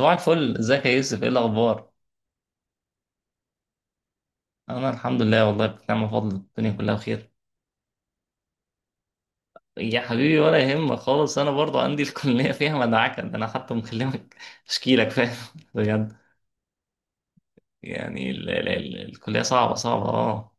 صباح الفل، ازيك يا يوسف؟ ايه الاخبار؟ انا الحمد لله، والله بنعم بفضل الدنيا كلها بخير. يا حبيبي ولا يهمك خالص، انا برضو عندي الكليه فيها مدعكه، ده انا حتى مكلمك اشكيلك، فاهم؟ بجد. يعني ال ال ال الكليه صعبه صعبه، اه.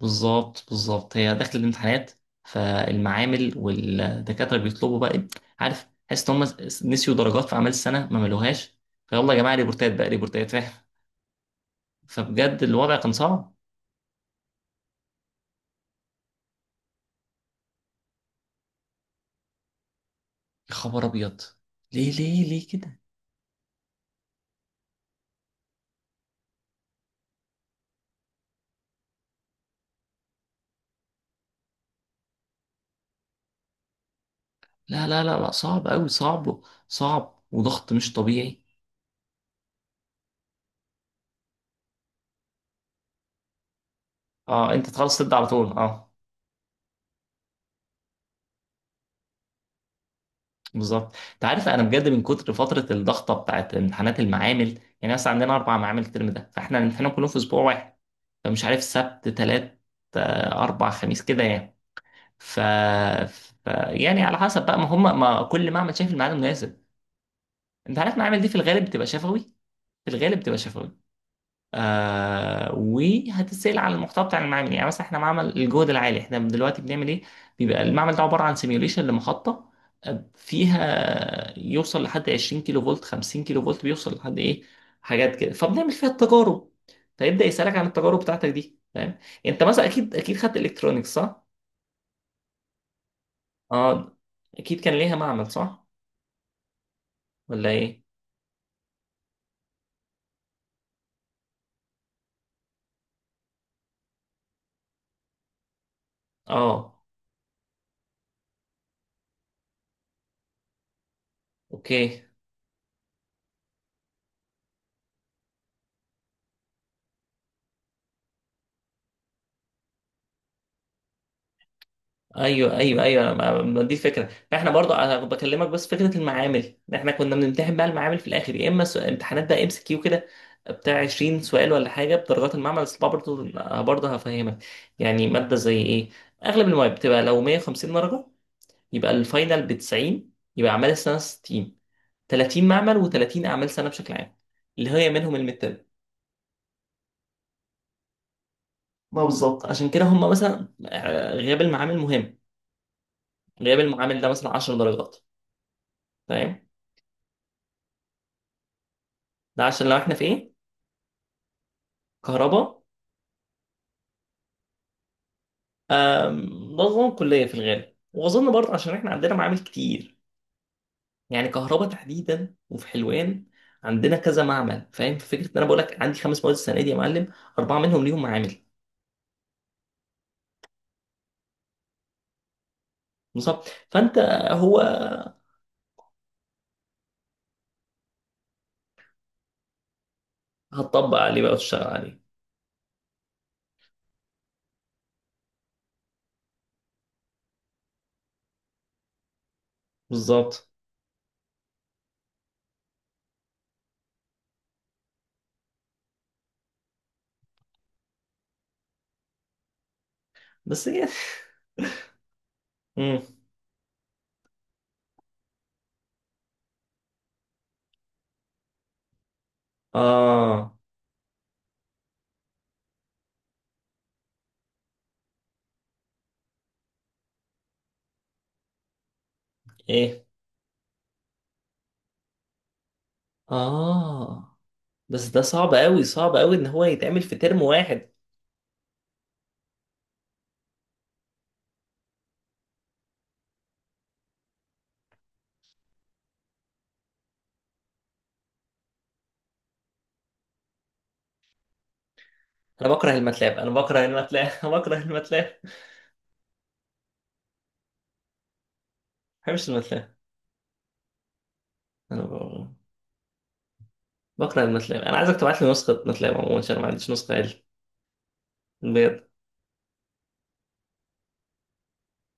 بالظبط بالظبط، هي داخل الامتحانات، فالمعامل والدكاتره بيطلبوا بقى إيه؟ عارف، حاسس ان هم نسيوا درجات في اعمال السنه ما ملوهاش، فيلا يا جماعه ريبورتات بقى، ريبورتات، فاهم؟ فبجد الوضع كان صعب. يا خبر ابيض. ليه ليه ليه كده؟ لا لا لا لا، صعب قوي، صعب. صعب وضغط مش طبيعي. اه انت تخلص تبدا على طول، اه. بالظبط، انت عارف انا بجد من كتر فتره الضغطه بتاعت امتحانات المعامل، يعني مثلا عندنا اربع معامل الترم ده، فاحنا الامتحانات كلهم في اسبوع واحد. فمش عارف، سبت تلات، اربع خميس كده يعني. ف... ف يعني على حسب بقى ما هم ما كل معمل شايف الميعاد المناسب. انت عارف المعامل دي في الغالب بتبقى شفوي، في الغالب بتبقى شفوي. آه وهتتسأل على المحتوى بتاع المعمل، يعني مثلا احنا معمل الجهد العالي، احنا دلوقتي بنعمل ايه؟ بيبقى المعمل ده عبارة عن سيميوليشن لمحطة، فيها يوصل لحد 20 كيلو فولت، 50 كيلو فولت بيوصل لحد ايه، حاجات كده، فبنعمل فيها التجارب. فيبدأ يسألك عن التجارب بتاعتك دي، فاهم؟ انت مثلا اكيد اكيد خدت الكترونيكس، صح؟ اه. اكيد كان ليها معمل، صح؟ ولا ايه؟ اه. اوكي. ايوه ايوه ايوه، ما دي الفكره، فاحنا برضو انا بكلمك بس فكره المعامل إن احنا كنا بنمتحن بقى المعامل في الاخر، يا اما امتحانات بقى ام سي كيو كده بتاع 20 سؤال ولا حاجه بدرجات المعمل بس برضو. برضه هفهمك. يعني ماده زي ايه؟ اغلب المواد بتبقى لو 150 درجه، يبقى الفاينل ب 90، يبقى اعمال السنه 60. 30 معمل و30 اعمال سنه بشكل عام، اللي هي منهم الميد. ما بالظبط، عشان كده هم مثلا غياب المعامل مهم، غياب المعامل ده مثلا 10 درجات، فاهم؟ ده عشان لو احنا في ايه، كهرباء. أم، ده نظام كلية في الغالب، وأظن برضه عشان إحنا عندنا معامل كتير، يعني كهرباء تحديدا وفي حلوان عندنا كذا معمل، فاهم؟ في فكرة إن أنا بقول لك عندي خمس مواد السنة دي يا معلم، أربعة منهم ليهم معامل. بالظبط، فأنت، هو هتطبق عليه بقى وتشتغل عليه. بالظبط. بس هي مم. آه. إيه. آه. بس ده صعب أوي صعب أوي إن هو يتعمل في ترم واحد. أنا بكره الماتلاب، أنا بكره الماتلاب أنا بكره الماتلاب، ما بحبش الماتلاب، أنا بكره الماتلاب. انا عايزك تبعت لي نسخه ماتلاب عموما عشان ما عنديش نسخه عدل، بجد.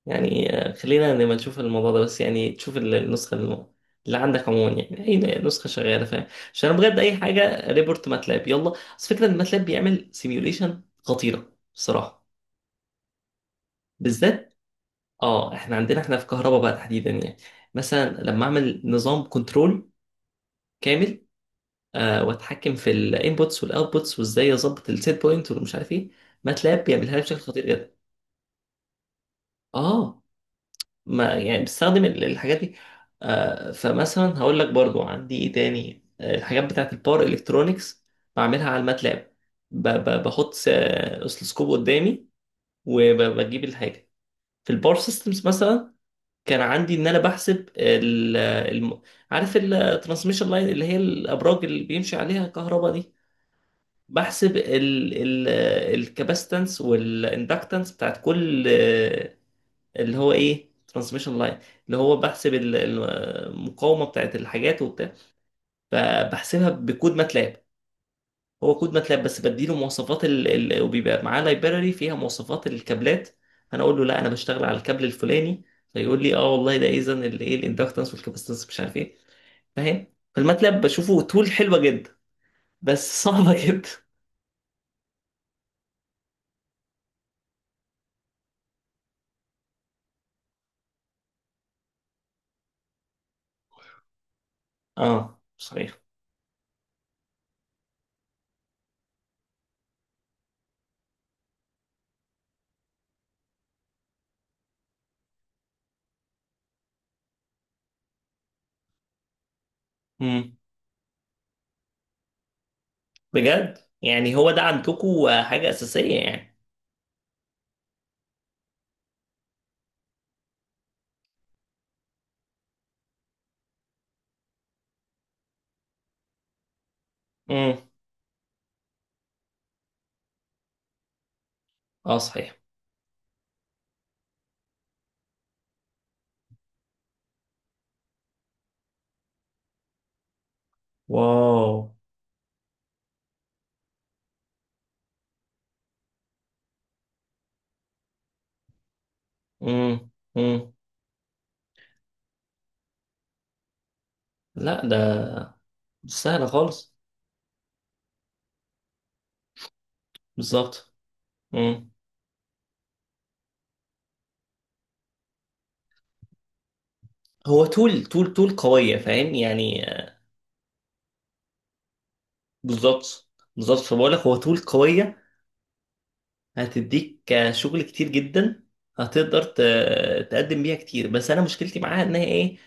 يعني خلينا نبقى نشوف الموضوع ده، بس يعني تشوف النسخه اللي عندك عموما، يعني اي نسخه شغاله، فاهم؟ عشان انا بجد اي حاجه ريبورت ماتلاب يلا، بس فكره ان ماتلاب بيعمل سيميوليشن خطيره بصراحه. بالذات، اه، احنا عندنا، احنا في كهرباء بقى تحديدا يعني، مثلا لما اعمل نظام كنترول كامل، آه واتحكم في الانبوتس والاوتبوتس، وازاي اظبط السيت بوينت والمش عارف ايه، ماتلاب بيعملها لي بشكل خطير جدا. اه ما يعني بستخدم الحاجات دي. فمثلا هقول لك برضو عندي ايه تاني، الحاجات بتاعت الباور الكترونكس بعملها على الماتلاب. بحط اسلسكوب قدامي، وبجيب الحاجه. في الباور سيستمز مثلا، كان عندي ان انا بحسب عارف الترانسميشن لاين اللي هي الابراج اللي بيمشي عليها الكهرباء دي، بحسب ال الكاباستنس والاندكتنس بتاعت كل، اللي هو ايه، ترانسميشن لاين، اللي هو بحسب المقاومه بتاعت الحاجات وبتاع، فبحسبها بكود ماتلاب. هو كود ماتلاب بس بديله مواصفات وبيبقى معاه لايبراري فيها مواصفات الكابلات، انا اقول له لا انا بشتغل على الكابل الفلاني، فيقول لي اه والله ده اذا الايه الاندكتنس والكاباستنس مش عارف ايه، فاهم؟ فالماتلاب بشوفه تول حلوه جدا، بس صعبه جدا. اه صحيح. امم بجد يعني هو ده عندكم حاجه اساسيه يعني. امم. اه صحيح. واو. امم. امم. لا ده مش سهلة خالص. بالظبط. امم. هو طول طول طول قوية، فاهم يعني. بالظبط بالظبط، فبقول لك هو طول قوية، هتديك شغل كتير جدا، هتقدر تقدم بيها كتير، بس انا مشكلتي معاها ان هي ايه،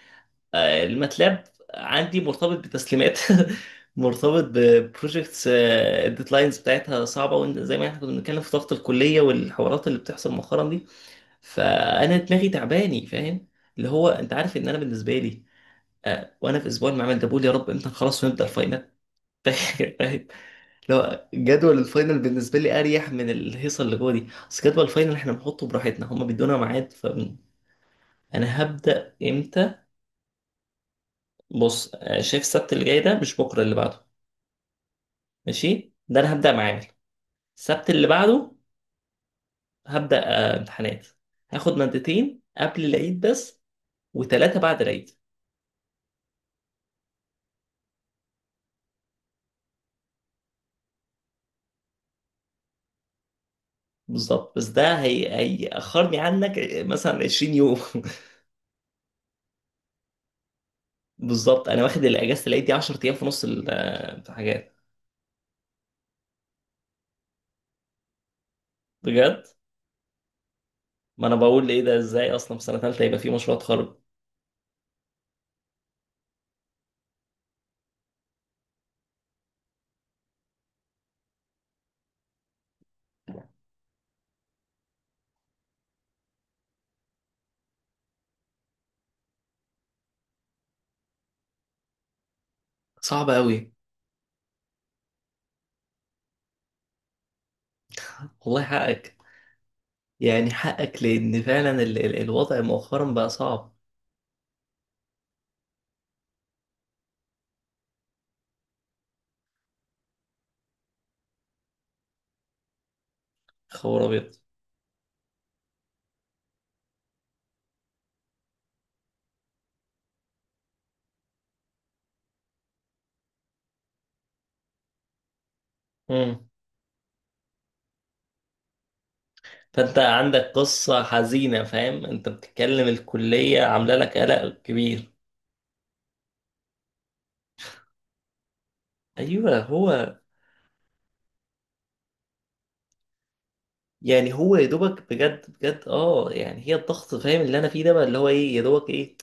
الماتلاب عندي مرتبط بتسليمات، مرتبط ببروجكتس الديدلاينز بتاعتها صعبة، وزي ما احنا كنا بنتكلم في ضغط الكلية والحوارات اللي بتحصل مؤخرا دي، فانا دماغي تعباني، فاهم؟ اللي هو انت عارف ان انا بالنسبه لي، وانا في اسبوع المعمل ده بقول يا رب امتى خلاص ونبدا الفاينل، فاهم؟ لو جدول الفاينل بالنسبه لي اريح من الهيصه اللي جوه دي، اصل جدول الفاينل احنا بنحطه براحتنا، هما بيدونا ميعاد فانا. هبدا امتى؟ بص، شايف السبت اللي جاي ده مش بكره اللي بعده؟ ماشي ده انا هبدا معامل، السبت اللي بعده هبدا امتحانات. هاخد مادتين قبل العيد بس، وثلاثه بعد العيد. بالظبط، بس ده هي هيأخرني عنك مثلا 20 يوم. بالظبط انا واخد الاجازه العيد دي 10 ايام في نص الحاجات، بجد. ما انا بقول ايه ده، ازاي اصلا في سنه ثالثه يبقى في مشروع تخرج؟ صعب قوي. والله حقك. يعني حقك لان فعلا ال الوضع مؤخرا بقى صعب. خبر ابيض. امم. فانت عندك قصه حزينه، فاهم؟ انت بتتكلم الكليه عامله لك قلق كبير. ايوه هو. يعني هو يا دوبك بجد بجد اه، يعني هي الضغط، فاهم اللي انا فيه ده؟ بقى اللي هو ايه يا دوبك ايه،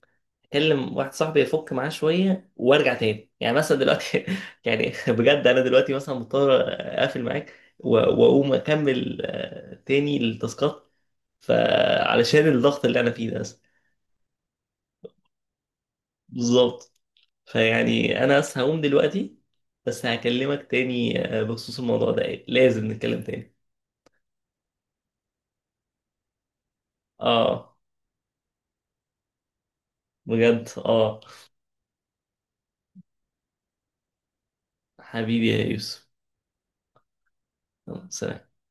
اكلم واحد صاحبي يفك معاه شويه وارجع تاني، يعني مثلا دلوقتي، يعني بجد انا دلوقتي مثلا مضطر اقفل معاك واقوم اكمل تاني التاسكات، فعلشان الضغط اللي انا فيه ده بس. بالظبط. فيعني انا بس هقوم دلوقتي، بس هكلمك تاني بخصوص الموضوع ده، لازم نتكلم تاني. اه. بجد اه. حبيبي يا يوسف. يلا، سلام.